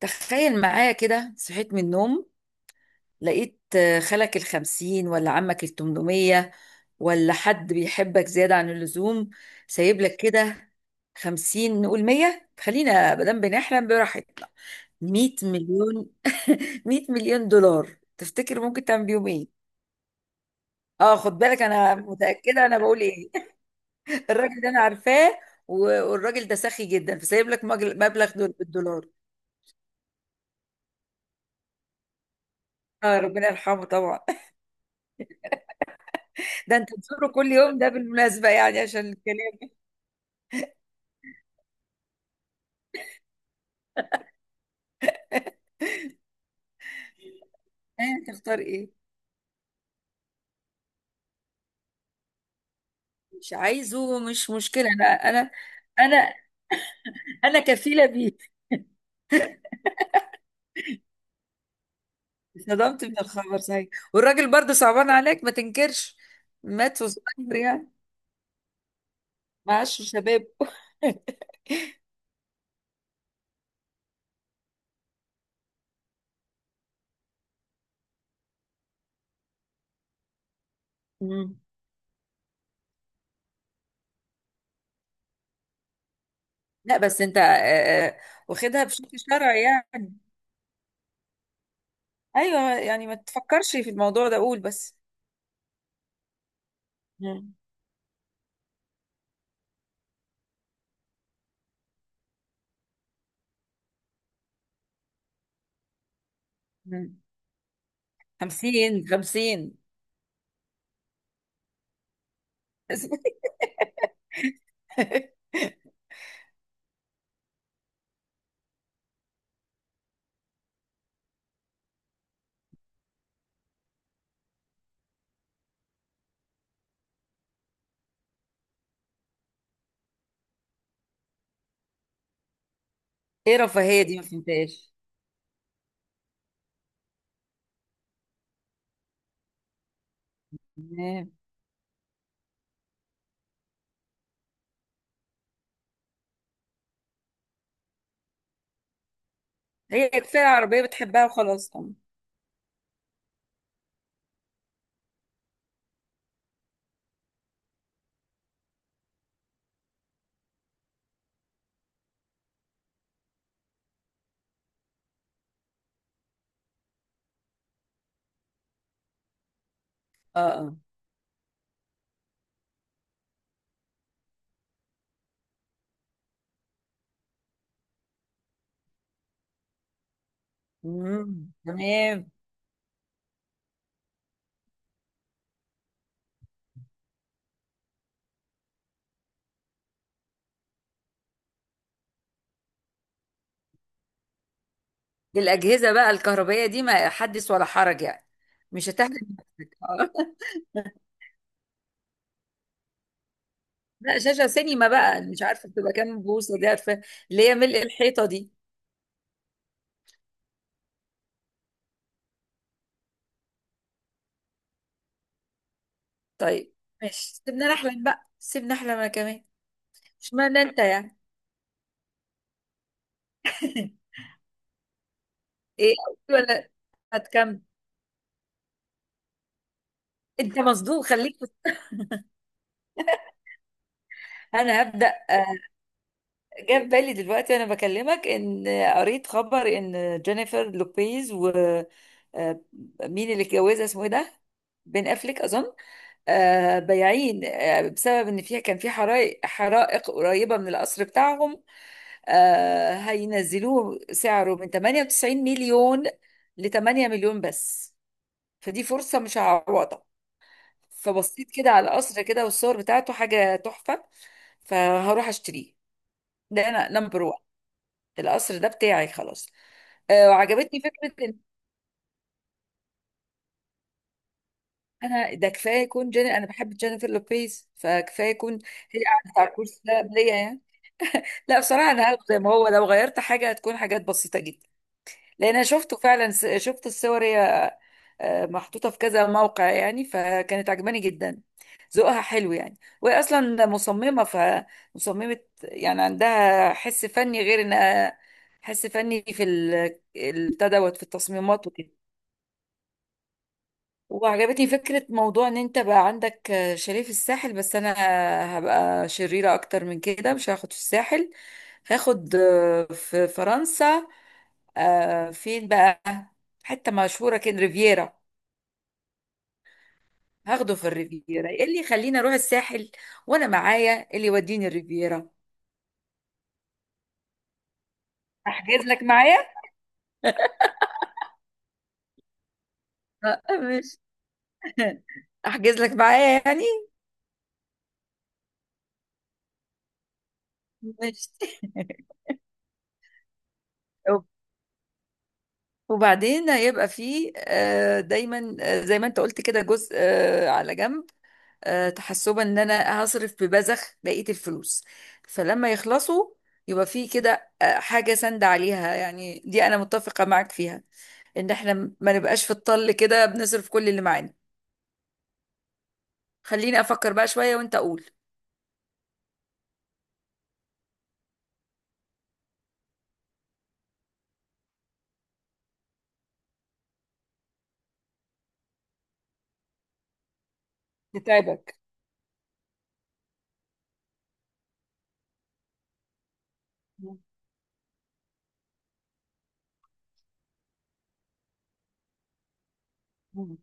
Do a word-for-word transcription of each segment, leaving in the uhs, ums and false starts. تخيل معايا كده، صحيت من النوم. لقيت آه، خالك الخمسين ولا عمك التمنمية، ولا حد بيحبك زيادة عن اللزوم. سايب لك كده خمسين، نقول مية، خلينا مادام بنحلم براحتنا. مية مليون مية مليون دولار تفتكر ممكن تعمل بيهم ايه؟ اه، خد بالك انا متأكدة انا بقول ايه. الراجل ده انا عارفاه. و- والراجل ده سخي جدا، فسايب لك مجل- مبلغ دول بالدولار. اه، ربنا يرحمه طبعا. ده انت تزوره كل يوم ده بالمناسبة يعني عشان الكلام. ها، تختار ايه؟ مش عايزه، مش مشكلة، انا انا انا انا كفيلة بيه. صدمت من الخبر صحيح. والراجل برضه صعبان عليك، ما تنكرش. مات وصغير يعني، معاش شباب. مم. لا بس انت آه، آه، واخدها بشكل شرعي يعني. ايوه يعني، ما تفكرش في الموضوع ده، قول بس. مم. مم. خمسين خمسين. ايه رفاهية دي؟ ما فهمتهاش. هي كفايه، العربيه بتحبها وخلاص طبعا. اه اه. امم، تمام. دي الاجهزه بقى الكهربائيه دي ما حدث ولا حرج يعني. مش هتحرج نفسك اه. لا، شاشه سينما بقى، مش عارفه بتبقى كام بوصه دي، عارفه اللي هي ملء الحيطه دي. طيب ماشي، سيبنا نحلم بقى سيبنا نحلم انا كمان. مش معنى انت يعني. ايه، ولا هتكمل؟ انت مصدوم خليك. انا هبدا. آه، جاب بالي دلوقتي وانا بكلمك ان قريت خبر ان جينيفر لوبيز و آه، مين اللي اتجوزها اسمه ايه ده، بين افليك اظن. آه، بايعين آه، بسبب ان فيها كان في حرائق حرائق قريبه من القصر بتاعهم. آه، هينزلوه سعره من تمانية وتسعين مليون ل تمانية مليون بس، فدي فرصه مش هعوضها. فبصيت كده على القصر كده، والصور بتاعته حاجه تحفه، فهروح اشتريه. ده انا نمبر. القصر ده بتاعي خلاص. آه، وعجبتني فكره ان انا ده كفايه يكون جن... انا بحب جينيفر لوبيز فكفايه يكون. هي قعدت على الكرسي ده قبلية يعني. لا بصراحه انا هاخده زي ما هو، لو غيرت حاجه هتكون حاجات بسيطه جدا. لان انا شفته فعلا، س- شفت الصور هي آه، محطوطه في كذا موقع يعني، فكانت عجباني جدا. ذوقها حلو يعني، وهي اصلا مصممه فمصممه، يعني عندها حس فني، غير انها حس فني في ال- البتاع دوت في التصميمات وكده. وعجبتني فكرة موضوع ان انت بقى عندك شاليه في الساحل، بس انا هبقى شريرة اكتر من كده، مش هاخد في الساحل. هاخد آه، في فرنسا، آه، فين بقى، حتة مشهورة كده، ريفيرا. هاخده في الريفيرا، إيه اللي يخليني اروح الساحل وانا معايا إيه اللي يوديني الريفيرا؟ احجز لك معايا. آه، مش احجز لك معايا يعني، مش. وبعدين هيبقى فيه آه، دايما آه، زي ما انت قلت كده، جزء آه، على جنب، آه، تحسبا ان انا هصرف ببذخ بقية الفلوس، فلما يخلصوا يبقى فيه كده آه، حاجة سند عليها. يعني دي انا متفقة معاك فيها، ان احنا ما نبقاش في الطل كده بنصرف كل اللي معانا. خليني افكر بقى شوية وانت اقول. تتعبك. مم.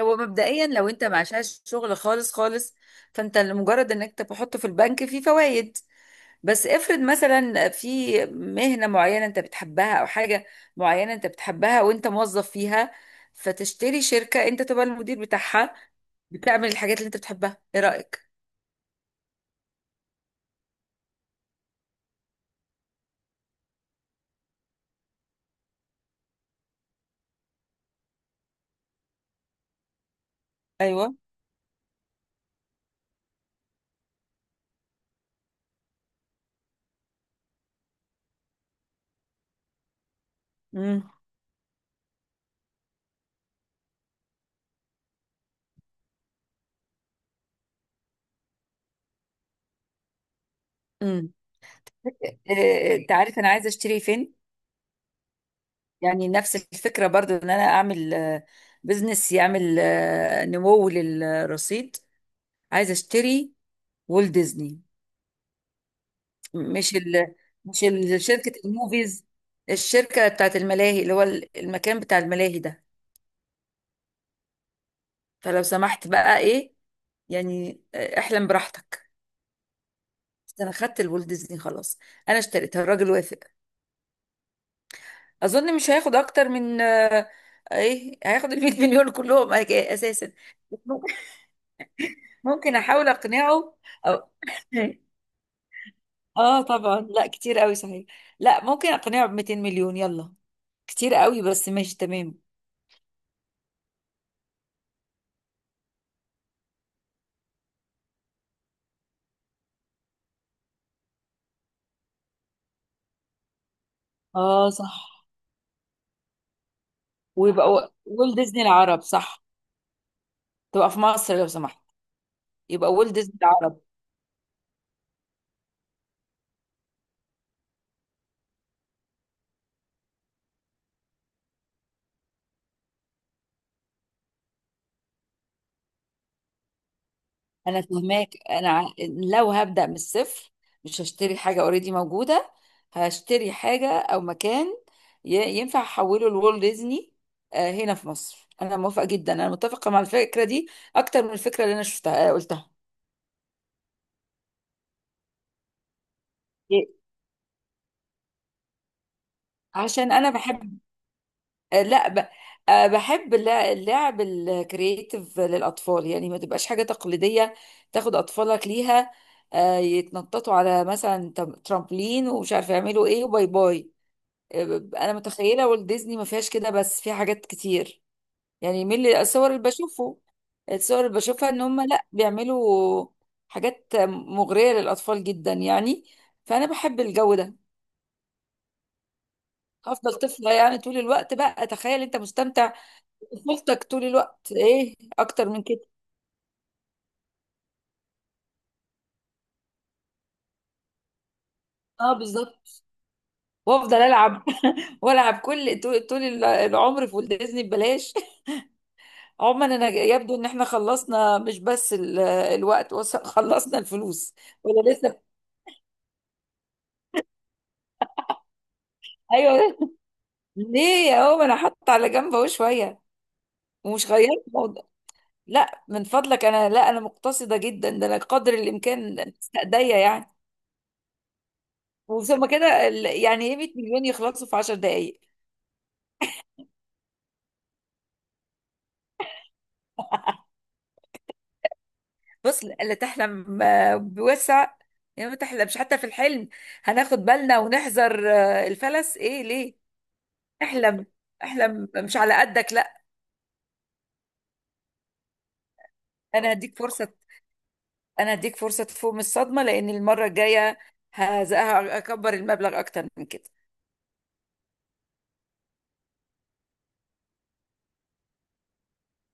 هو مبدئيا لو انت معشاش شغل خالص خالص، فانت لمجرد انك تحطه في البنك فيه فوائد. بس افرض مثلا في مهنة معينة انت بتحبها، او حاجة معينة انت بتحبها وانت موظف فيها، فتشتري شركة انت تبقى المدير بتاعها، بتعمل الحاجات اللي انت بتحبها، ايه رأيك؟ ايوه. امم. امم. إيه، انت عارف انا عايزة اشتري فين؟ يعني نفس الفكرة برضو ان انا اعمل آه، بزنس يعمل آه، نمو للرصيد. عايزة اشتري وول ديزني. مش ال... مش ال- شركة الموفيز، الشركة بتاعت الملاهي، اللي هو ال- المكان بتاع الملاهي ده. فلو سمحت بقى ايه، يعني آه، احلم براحتك. بس انا خدت الولد ديزني خلاص، انا اشتريتها، الراجل وافق. اظن مش هياخد اكتر من آه، ايه، هياخد ال مية مليون كلهم أك- اساسا. ممكن احاول اقنعه، أو... اه طبعا لا، كتير قوي صحيح. لا ممكن اقنعه ب ميتين مليون، يلا، كتير قوي بس ماشي تمام. اه صح، ويبقى و- والت ديزني العرب صح. تبقى في مصر لو سمحت، يبقى والت ديزني العرب. انا فهماك، انا ع- لو هبدأ من الصفر مش هشتري حاجة اوريدي موجودة، هشتري حاجة او مكان ي- ينفع احوله لوالت ديزني آه، هنا في مصر. انا موافقة جدا، انا متفقة مع الفكرة دي اكتر من الفكرة اللي انا شفتها آه، قلتها. إيه؟ عشان انا بحب آه، لا ب... آه، بحب اللا- اللعب الكرييتيف للأطفال، يعني ما تبقاش حاجة تقليدية تاخد أطفالك ليها آه، يتنططوا على مثلا تم- ترامبلين ومش عارفة يعملوا ايه وباي باي. آه، ب- أنا متخيلة والت ديزني ما فيهاش كده، بس في حاجات كتير، يعني من اللي- الصور اللي بشوفه، الصور اللي بشوفها، إن هم لا بيعملوا حاجات مغرية للأطفال جدا يعني. فأنا بحب الجو ده، هفضل طفلة يعني طول الوقت. بقى تخيل انت مستمتع طفولتك طول الوقت، ايه اكتر من كده؟ اه بالظبط. وافضل العب والعب كل طول طول العمر في ولد ديزني ببلاش. عموما انا يبدو ان احنا خلصنا مش بس ال- الوقت، وص- خلصنا الفلوس. ولا لسه؟ ايوه، ليه يا هو، انا حاطه على جنب اهو شويه، ومش غيرت الموضوع. لا من فضلك، انا لا، انا مقتصده جدا، ده انا قدر الامكان استأذية يعني. وثم كده ال- يعني ايه، مية مليون يخلصوا في عشر دقائق. بص لا تحلم آه، بوسع، يا ما تحلمش حتى في الحلم. هناخد بالنا ونحذر آه، الفلس ايه ليه. احلم، احلم مش على قدك لا. انا هديك فرصة، انا هديك فرصة تفوق من الصدمة، لان المرة الجاية هز- هكبر المبلغ اكتر من كده.